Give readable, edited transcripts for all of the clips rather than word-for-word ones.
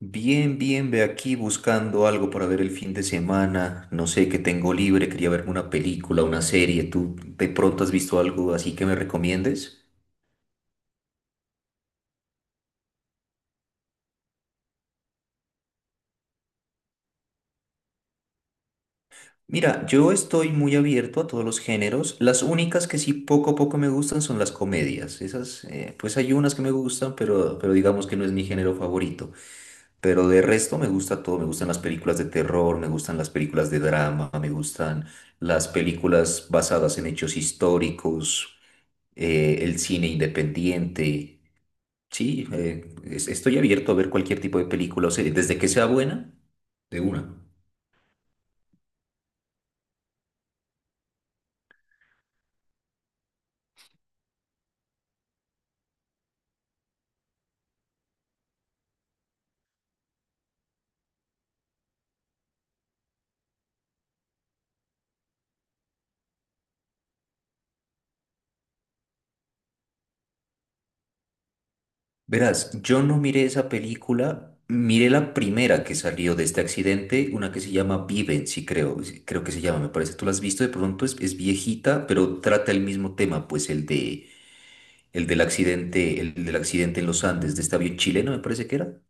Bien, bien, ve aquí buscando algo para ver el fin de semana. No sé qué tengo libre, quería verme una película, una serie. ¿Tú de pronto has visto algo así que me recomiendes? Mira, yo estoy muy abierto a todos los géneros. Las únicas que sí poco a poco me gustan son las comedias. Esas, pues hay unas que me gustan, pero digamos que no es mi género favorito. Pero de resto me gusta todo. Me gustan las películas de terror, me gustan las películas de drama, me gustan las películas basadas en hechos históricos. El cine independiente. Sí, estoy abierto a ver cualquier tipo de película o serie, desde que sea buena, de una. Verás, yo no miré esa película, miré la primera que salió de este accidente, una que se llama Viven, sí, creo que se llama, me parece. Tú la has visto, de pronto es viejita, pero trata el mismo tema, pues el de el del accidente en los Andes de este avión chileno, me parece que era.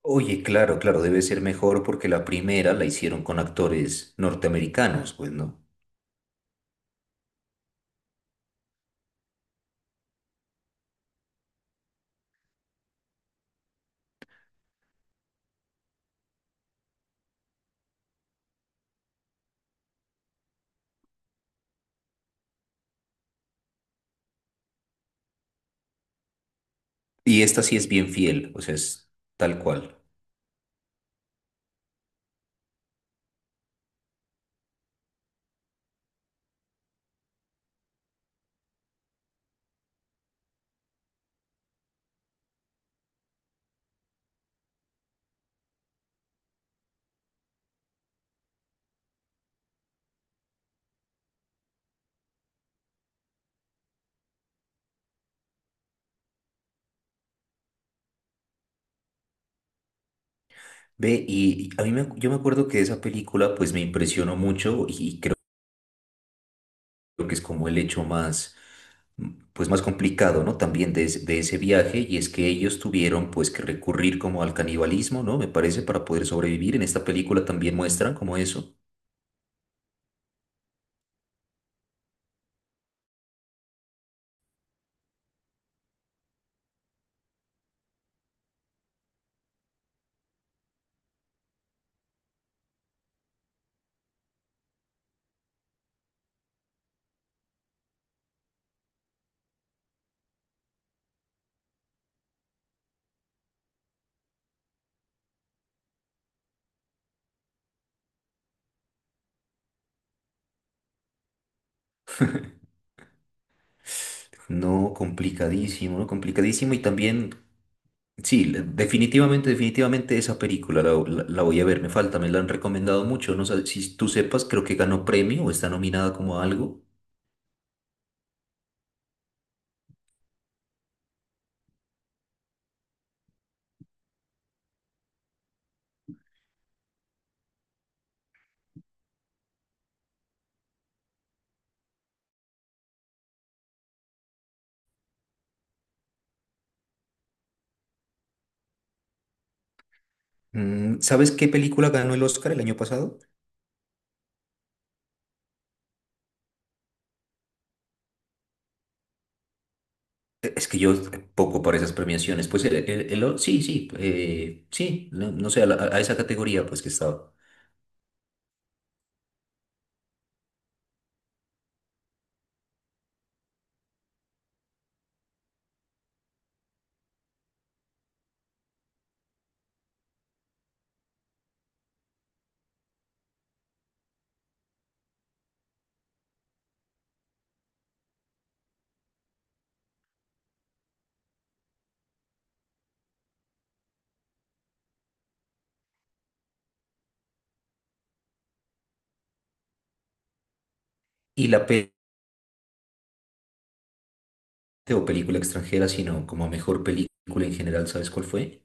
Oye, claro, claro, debe ser mejor porque la primera la hicieron con actores norteamericanos, pues, ¿no? Y esta sí es bien fiel, o sea, es tal cual. Ve, y a yo me acuerdo que esa película pues me impresionó mucho y creo que es como el hecho más, pues más complicado, ¿no? También de ese viaje y es que ellos tuvieron pues que recurrir como al canibalismo, ¿no? Me parece, para poder sobrevivir. En esta película también muestran como eso. No, complicadísimo, ¿no? Complicadísimo y también sí, definitivamente, definitivamente esa la voy a ver, me falta, me la han recomendado mucho, no sé si tú sepas, creo que ganó premio o está nominada como a algo. Mm, ¿sabes qué película ganó el Oscar el año pasado? Es que yo poco para esas premiaciones, pues sí, sí, sí, no, no sé, a esa categoría pues que estaba. Y la pe- o película extranjera, sino como mejor película en general, ¿sabes cuál fue?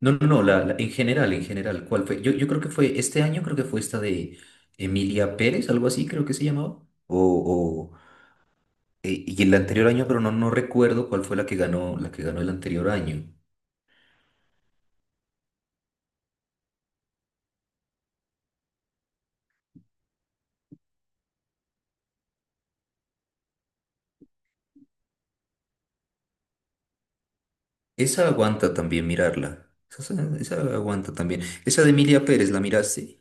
No, no, no, en general, ¿cuál fue? Yo creo que fue este año, creo que fue esta de Emilia Pérez, algo así, creo que se llamaba. Y el anterior año, pero no, no recuerdo cuál fue la que ganó el anterior año. Esa aguanta también mirarla. Esa aguanta también. Esa de Emilia Pérez, ¿la miraste?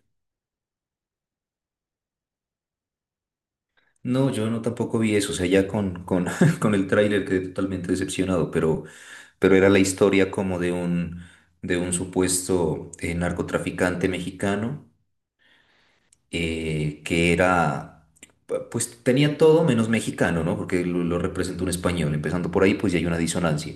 No, yo no tampoco vi eso, o sea, ya con el tráiler quedé totalmente decepcionado, pero era la historia como de un supuesto narcotraficante mexicano que era, pues tenía todo menos mexicano, ¿no? Porque lo representa un español. Empezando por ahí, pues ya hay una disonancia.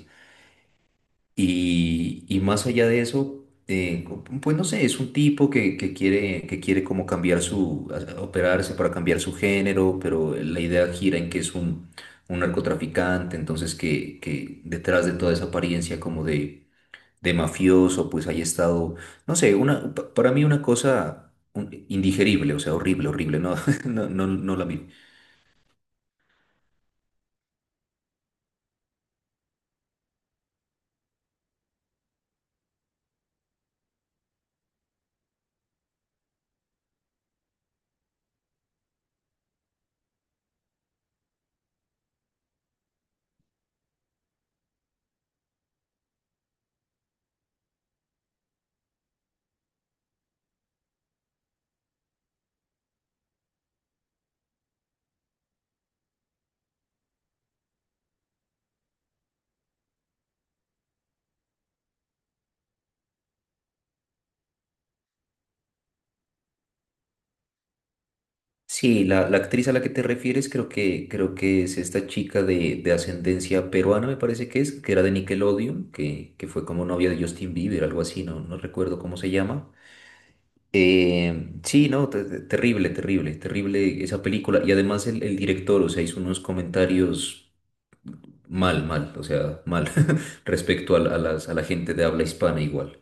Y más allá de eso, pues no sé, es un tipo que quiere como cambiar su, operarse para cambiar su género, pero la idea gira en que es un narcotraficante, entonces que detrás de toda esa apariencia como de mafioso, pues haya estado, no sé, una, para mí una cosa indigerible, o sea, horrible, horrible, no, no, no, no la vi. Sí, la actriz a la que te refieres creo que es esta chica de ascendencia peruana, me parece que es, que era de Nickelodeon, que fue como novia de Justin Bieber, algo así, no, no recuerdo cómo se llama. Sí, no, terrible, terrible, terrible esa película. Y además el director, o sea, hizo unos comentarios mal, mal, o sea, mal respecto a, a las, a la gente de habla hispana igual.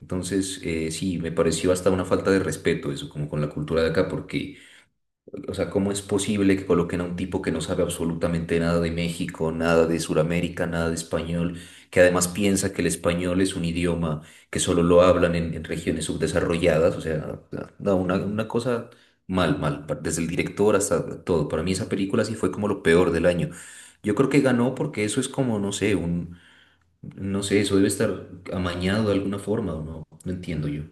Entonces, sí, me pareció hasta una falta de respeto eso, como con la cultura de acá, porque o sea, ¿cómo es posible que coloquen a un tipo que no sabe absolutamente nada de México, nada de Sudamérica, nada de español, que además piensa que el español es un idioma que solo lo hablan en regiones subdesarrolladas? O sea, no, una cosa mal, mal, desde el director hasta todo. Para mí esa película sí fue como lo peor del año. Yo creo que ganó porque eso es como, no sé, un, no sé, eso debe estar amañado de alguna forma, ¿o no? No entiendo yo.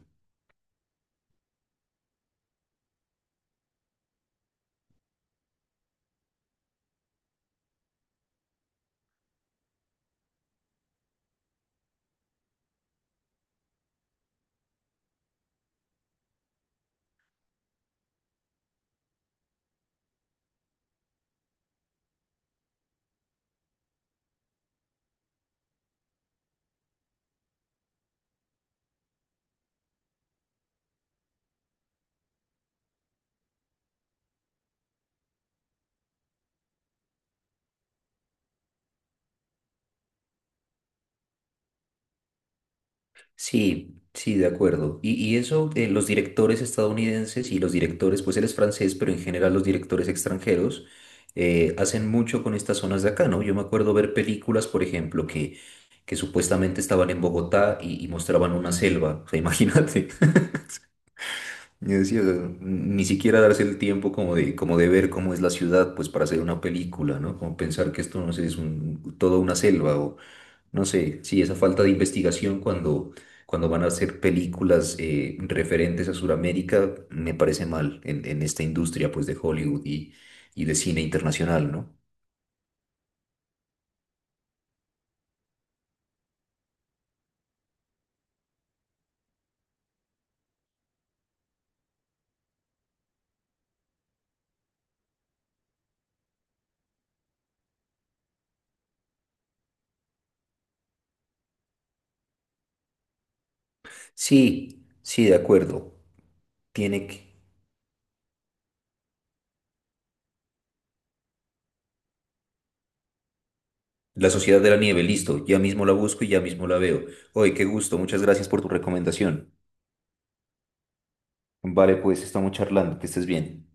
Sí, sí, de acuerdo. Y eso, los directores estadounidenses y los directores, pues él es francés, pero en general los directores extranjeros hacen mucho con estas zonas de acá, ¿no? Yo me acuerdo ver películas, por ejemplo, que supuestamente estaban en Bogotá y mostraban una selva, o sea, imagínate. Yo decía, ni siquiera darse el tiempo como de ver cómo es la ciudad, pues para hacer una película, ¿no? Como pensar que esto, no sé, es un, toda una selva, no sé, sí, esa falta de investigación cuando, cuando van a hacer películas referentes a Sudamérica me parece mal en esta industria pues de Hollywood y de cine internacional, ¿no? Sí, sí, de acuerdo. Tiene que... La Sociedad de la Nieve, listo. Ya mismo la busco y ya mismo la veo. Oye, qué gusto. Muchas gracias por tu recomendación. Vale, pues estamos charlando. Que estés bien.